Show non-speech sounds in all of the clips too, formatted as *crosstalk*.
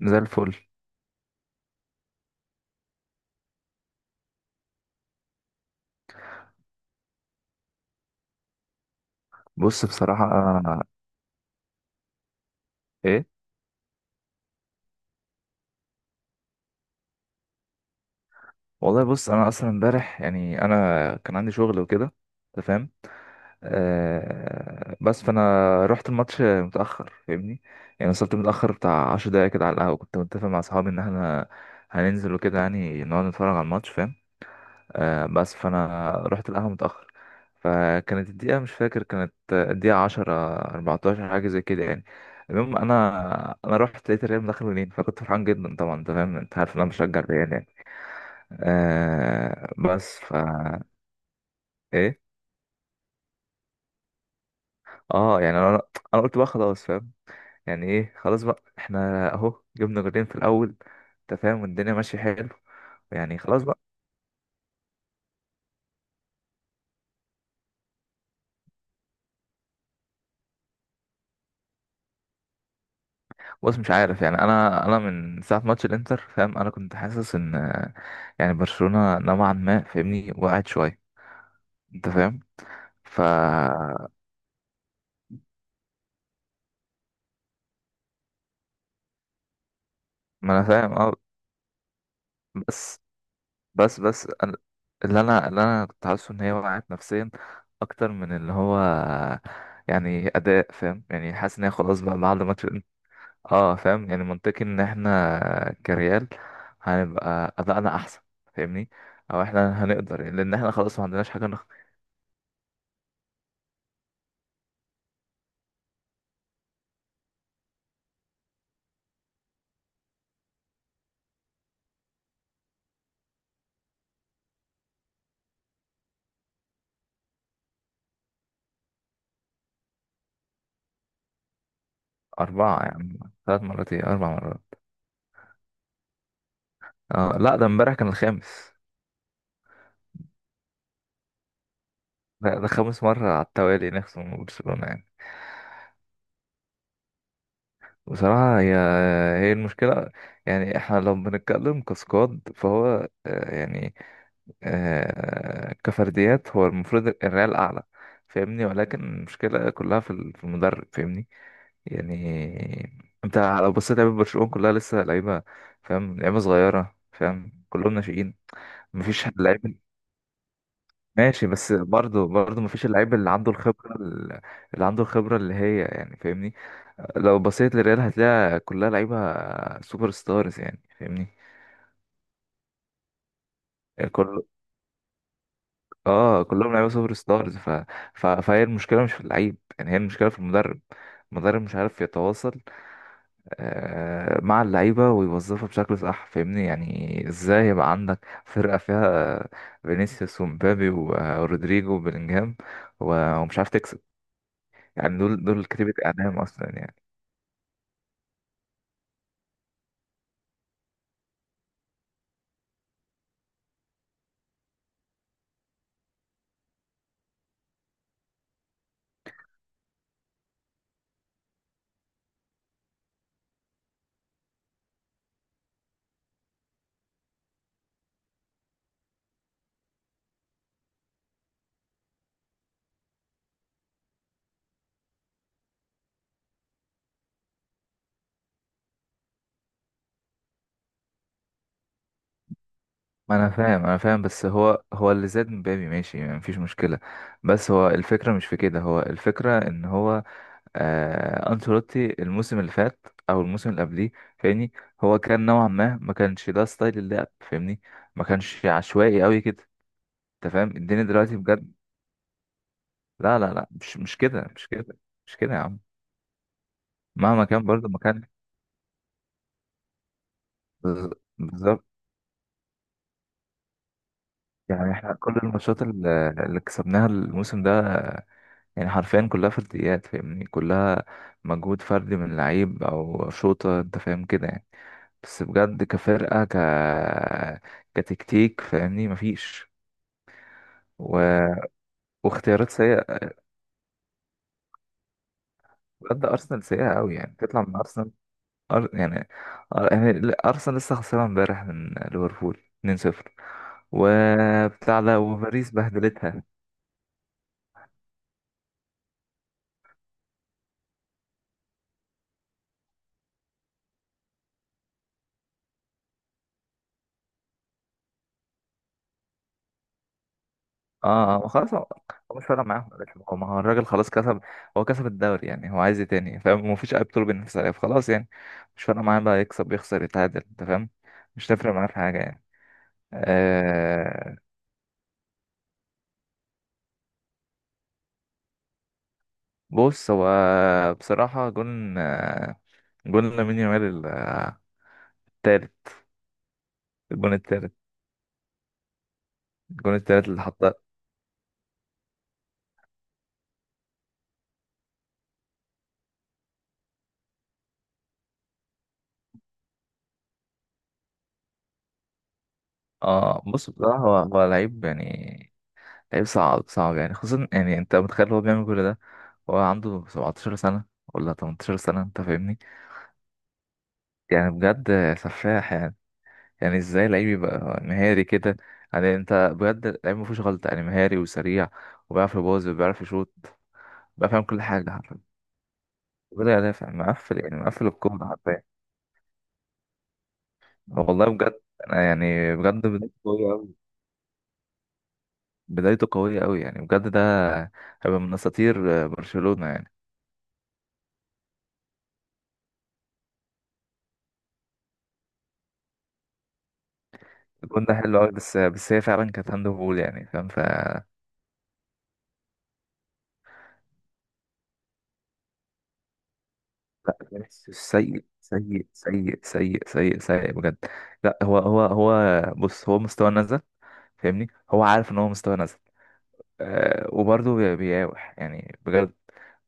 زي الفل. بصراحة ايه والله بص، انا اصلا امبارح يعني انا كان عندي شغل وكده، انت فاهم؟ آه، بس فانا رحت الماتش متأخر، فاهمني؟ يعني وصلت متأخر بتاع عشر دقايق كده على القهوة، كنت متفق مع اصحابي ان احنا هننزل وكده، يعني نقعد نتفرج على الماتش، فاهم؟ آه، بس فانا رحت القهوه متاخر، فكانت الدقيقه مش فاكر، كانت الدقيقه 10، 14 حاجه زي كده يعني. المهم انا، انا رحت لقيت الريال مدخل جولين، فكنت فرحان جدا طبعا، انت فاهم، انت عارف ان انا بشجع الريال يعني. آه بس ف ايه اه يعني انا، انا قلت بقى خلاص، فاهم؟ يعني ايه، خلاص بقى احنا اهو جبنا جولين في الاول، انت فاهم، والدنيا ماشيه حلو. يعني خلاص بقى. بص مش عارف يعني، انا، انا من ساعه ماتش الانتر، فاهم؟ انا كنت حاسس ان، يعني برشلونة نوعا ما فاهمني وقعت شوية، انت فاهم؟ ف ما انا فاهم. اه، بس بس بس أنا- اللي انا، اللي انا كنت حاسه ان هي وقعت نفسيا اكتر من اللي هو يعني اداء، فاهم؟ يعني حاسس ان هي خلاص بقى بعد ماتش. اه، فاهم يعني، منطقي ان احنا كريال هنبقى ادائنا احسن، فاهمني؟ او احنا هنقدر لان احنا خلاص ما عندناش حاجة نخ... اربعة يعني، ثلاث مرات، ايه اربع مرات. اه لا، ده امبارح كان الخامس. ده، ده خامس مرة على التوالي نخسر من برشلونة يعني. بصراحة هي، هي المشكلة، يعني احنا لو بنتكلم كسكواد فهو، آه، يعني آه، كفرديات هو المفروض الريال أعلى، فاهمني؟ ولكن المشكلة كلها في ال- في المدرب، فاهمني؟ يعني انت لو بصيت لعيبة برشلونة كلها لسه لعيبة، فاهم؟ لعيبة صغيرة، فاهم؟ كلهم ناشئين، مفيش لعيب ماشي. بس برضه مفيش اللعيب اللي عنده الخبرة ال- اللي عنده الخبرة اللي هي يعني فاهمني، لو بصيت للريال هتلاقي كلها لعيبة سوبر ستارز يعني، فاهمني؟ كل، اه كلهم لعيبة سوبر ستارز ف... ف... فهي المشكلة مش في اللعيب، يعني هي المشكلة في المدرب. المدرب مش عارف يتواصل، آه، مع اللعيبة ويوظفها بشكل صح، فاهمني؟ يعني ازاي يبقى عندك فرقة فيها فينيسيوس ومبابي و- ورودريجو وبيلينجهام و- ومش عارف تكسب؟ يعني دول، دول كتيبة اعدام اصلا يعني. ما انا فاهم، انا فاهم. بس هو، هو اللي زاد مبابي ماشي، يعني مفيش مشكله. بس هو الفكره مش في كده، هو الفكره ان هو آه انشيلوتي الموسم اللي فات او الموسم اللي قبليه، فاهمني؟ هو كان نوعا ما ما كانش ده ستايل اللعب، فاهمني؟ ما كانش عشوائي قوي كده، انت فاهم الدنيا دلوقتي بجد. لا مش، مش كده، مش كده، مش كده يا عم. مهما كان برضه ما كان. بز- بالظبط يعني احنا كل الماتشات اللي اللي كسبناها الموسم ده، يعني حرفيا كلها فرديات، فاهمني؟ كلها مجهود فردي من لعيب او شوطة، انت فاهم كده يعني. بس بجد كفرقة، ك كتكتيك فاهمني مفيش، و... واختيارات سيئة. بجد أرسنال سيئة أوي، يعني تطلع من أرسنال؟ أر... يعني أر... يعني ل- أرسنال لسه خسران امبارح من ليفربول 2-0 وبتاع ده، وباريس بهدلتها. اه ما خلاص، هو هو مش فارق معاهم يا باشا، هو ما هو الراجل خلاص كسب، هو كسب الدوري، يعني هو عايز ايه تاني؟ فاهم؟ ما فيش اي بطوله بينافس عليها، فخلاص يعني مش فارق معاه بقى يكسب يخسر يتعادل، انت فاهم؟ مش تفرق معاه في حاجه يعني. آه بص هو، بصراحه جون آه، جون لامين يامال التالت. الجون التالت، الجون التالت اللي حطه. اه بص بصراحه هو هو لعيب يعني، لعيب صعب، صعب يعني، خصوصا يعني انت متخيل هو بيعمل كل ده هو عنده 17 سنه ولا 18 سنه؟ انت فاهمني؟ يعني بجد سفاح يعني. يعني ازاي لعيب يبقى مهاري كده؟ يعني انت بجد لعيب مفيهوش غلطة يعني، مهاري وسريع وبيعرف يباظ وبيعرف يشوط، بيعرف يعمل كل حاجة حرفيا، وبدا يدافع مقفل يعني، مقفل الكورة حرفيا. والله بجد، أنا يعني بجد بدايته قوية أوي، بدايته قوية أوي يعني، بجد ده هيبقى من أساطير برشلونة يعني. الجون ده حلو أوي، بس، بس هي فعلا كانت هاند بول يعني، فاهم؟ ف لا، فينيسيوس سيء سيء سيء سيء سيء سيء بجد. لا هو هو بص، هو مستوى نزل، فاهمني؟ هو عارف ان هو مستوى نزل. أه، وبرضه بيقاوح يعني بجد،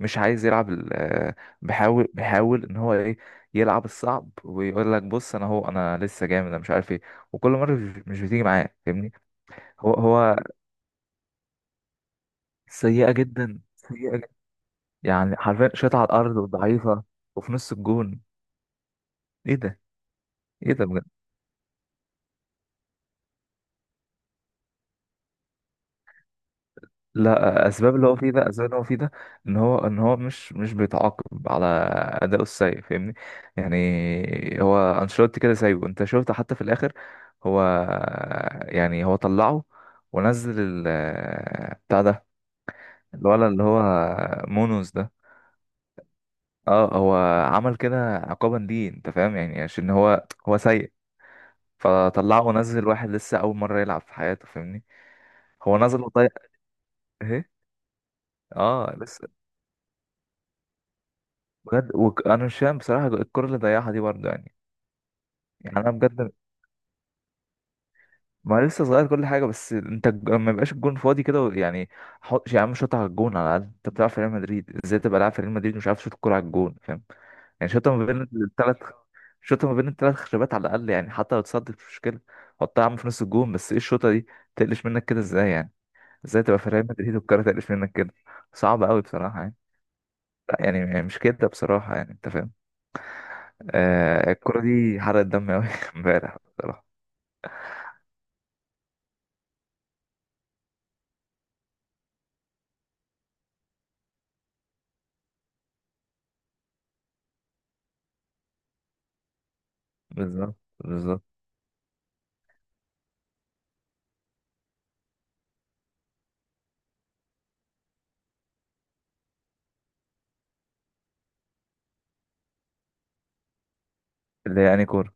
مش عايز يلعب ال- آه، بيحاول، بيحاول ان هو ايه، يلعب الصعب ويقول لك بص انا، هو انا لسه جامد انا مش عارف ايه، وكل مره مش بتيجي معاه، فاهمني؟ هو هو سيئه جدا، سيئه جدا، يعني حرفيا شاطعه على الارض وضعيفه، وفي نص الجون. ايه ده؟ ايه ده بجد؟ لا، اسباب اللي هو فيه ده، اسباب اللي هو فيه ده ان هو، ان هو مش بيتعاقب على اداؤه السيء، فاهمني؟ يعني هو انشيلوتي كده سايبه، انت شفت حتى في الاخر هو، يعني هو طلعه ونزل ال بتاع ده الولد اللي هو مونوس ده. اه، هو عمل كده عقابا ليه، انت فاهم يعني؟ عشان هو هو سيء، فطلعه ونزل واحد لسه اول مره يلعب في حياته، فاهمني؟ هو نزل وطيب اهي، اه لسه. بجد وك... انا مش فاهم بصراحه الكره اللي ضيعها دي برضه يعني. يعني انا بجد، ما أنا لسه صغير كل حاجه، بس انت الج- ما يبقاش الجون فاضي كده و- يعني حط يا عم شوطها على الجون على الاقل، انت بتلعب في ريال مدريد، ازاي تبقى لاعب في ريال مدريد ومش عارف تشوط الكره على الجون؟ فاهم؟ يعني شوطها ما بين الثلاث، شوطها ما بين الثلاث خشبات على الاقل، يعني حتى لو اتصدت مش مشكله. حطها يا عم في نص الجون، بس ايه الشوطه دي؟ تقلش منك كده ازاي يعني؟ ازاي تبقى في ريال مدريد والكره تقلش منك كده؟ صعبه قوي بصراحه يعني، لا يعني، يعني مش كده بصراحه يعني، انت فاهم. آه الكورة دي حرقت دم أوي *laughs* امبارح بصراحة. بالظبط، بالظبط. اللي هي يعني كورة.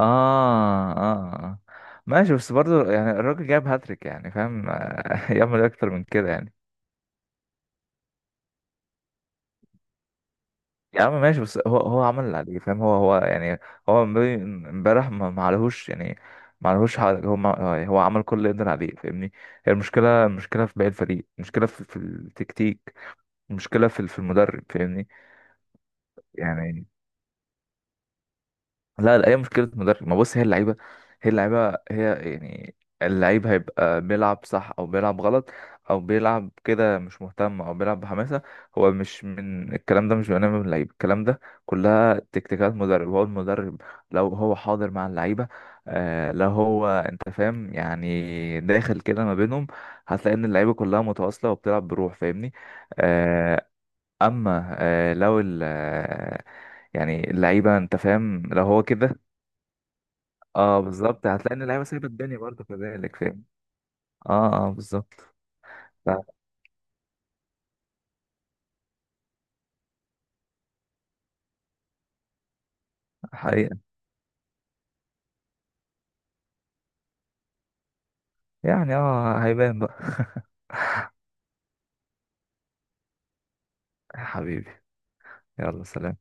آه آه آه، ماشي بس برضه يعني الراجل جاب هاتريك يعني، فاهم؟ آه، *laughs* يعمل إيه أكتر من كده يعني؟ يا عم ماشي، بس هو هو عمل اللي عليه، فاهم؟ هو يعني هو امبارح، امبارح ما، ما عليهوش يعني، ما عليهوش حاجة، هو ما هو عمل كل اللي يقدر عليه، فاهمني؟ هي المشكلة، المشكلة في باقي الفريق، المشكلة في، في التكتيك، المشكلة في في المدرب، فاهمني؟ يعني لا لا، هي مشكله مدرب. ما بص، هي اللعيبه، هي اللعيبه هي يعني، اللعيب هيبقى بيلعب صح او بيلعب غلط، او بيلعب كده مش مهتم، او بيلعب بحماسه. هو مش، من الكلام ده مش بيبقى نابع من اللعيب الكلام ده، كلها تكتيكات مدرب. هو المدرب لو هو حاضر مع اللعيبه، آه لو هو انت فاهم يعني داخل كده ما بينهم، هتلاقي ان اللعيبه كلها متواصله وبتلعب بروح، فاهمني؟ آه. اما آه لو ال آه، يعني اللعيبه انت فاهم لو هو كده. اه بالظبط، هتلاقي ان اللعيبه سايبه الدنيا برضه كذلك، فاهم؟ اه اه بالظبط. ف- حقيقه، يعني اه هيبان بقى *laughs* حبيبي، يلا سلام.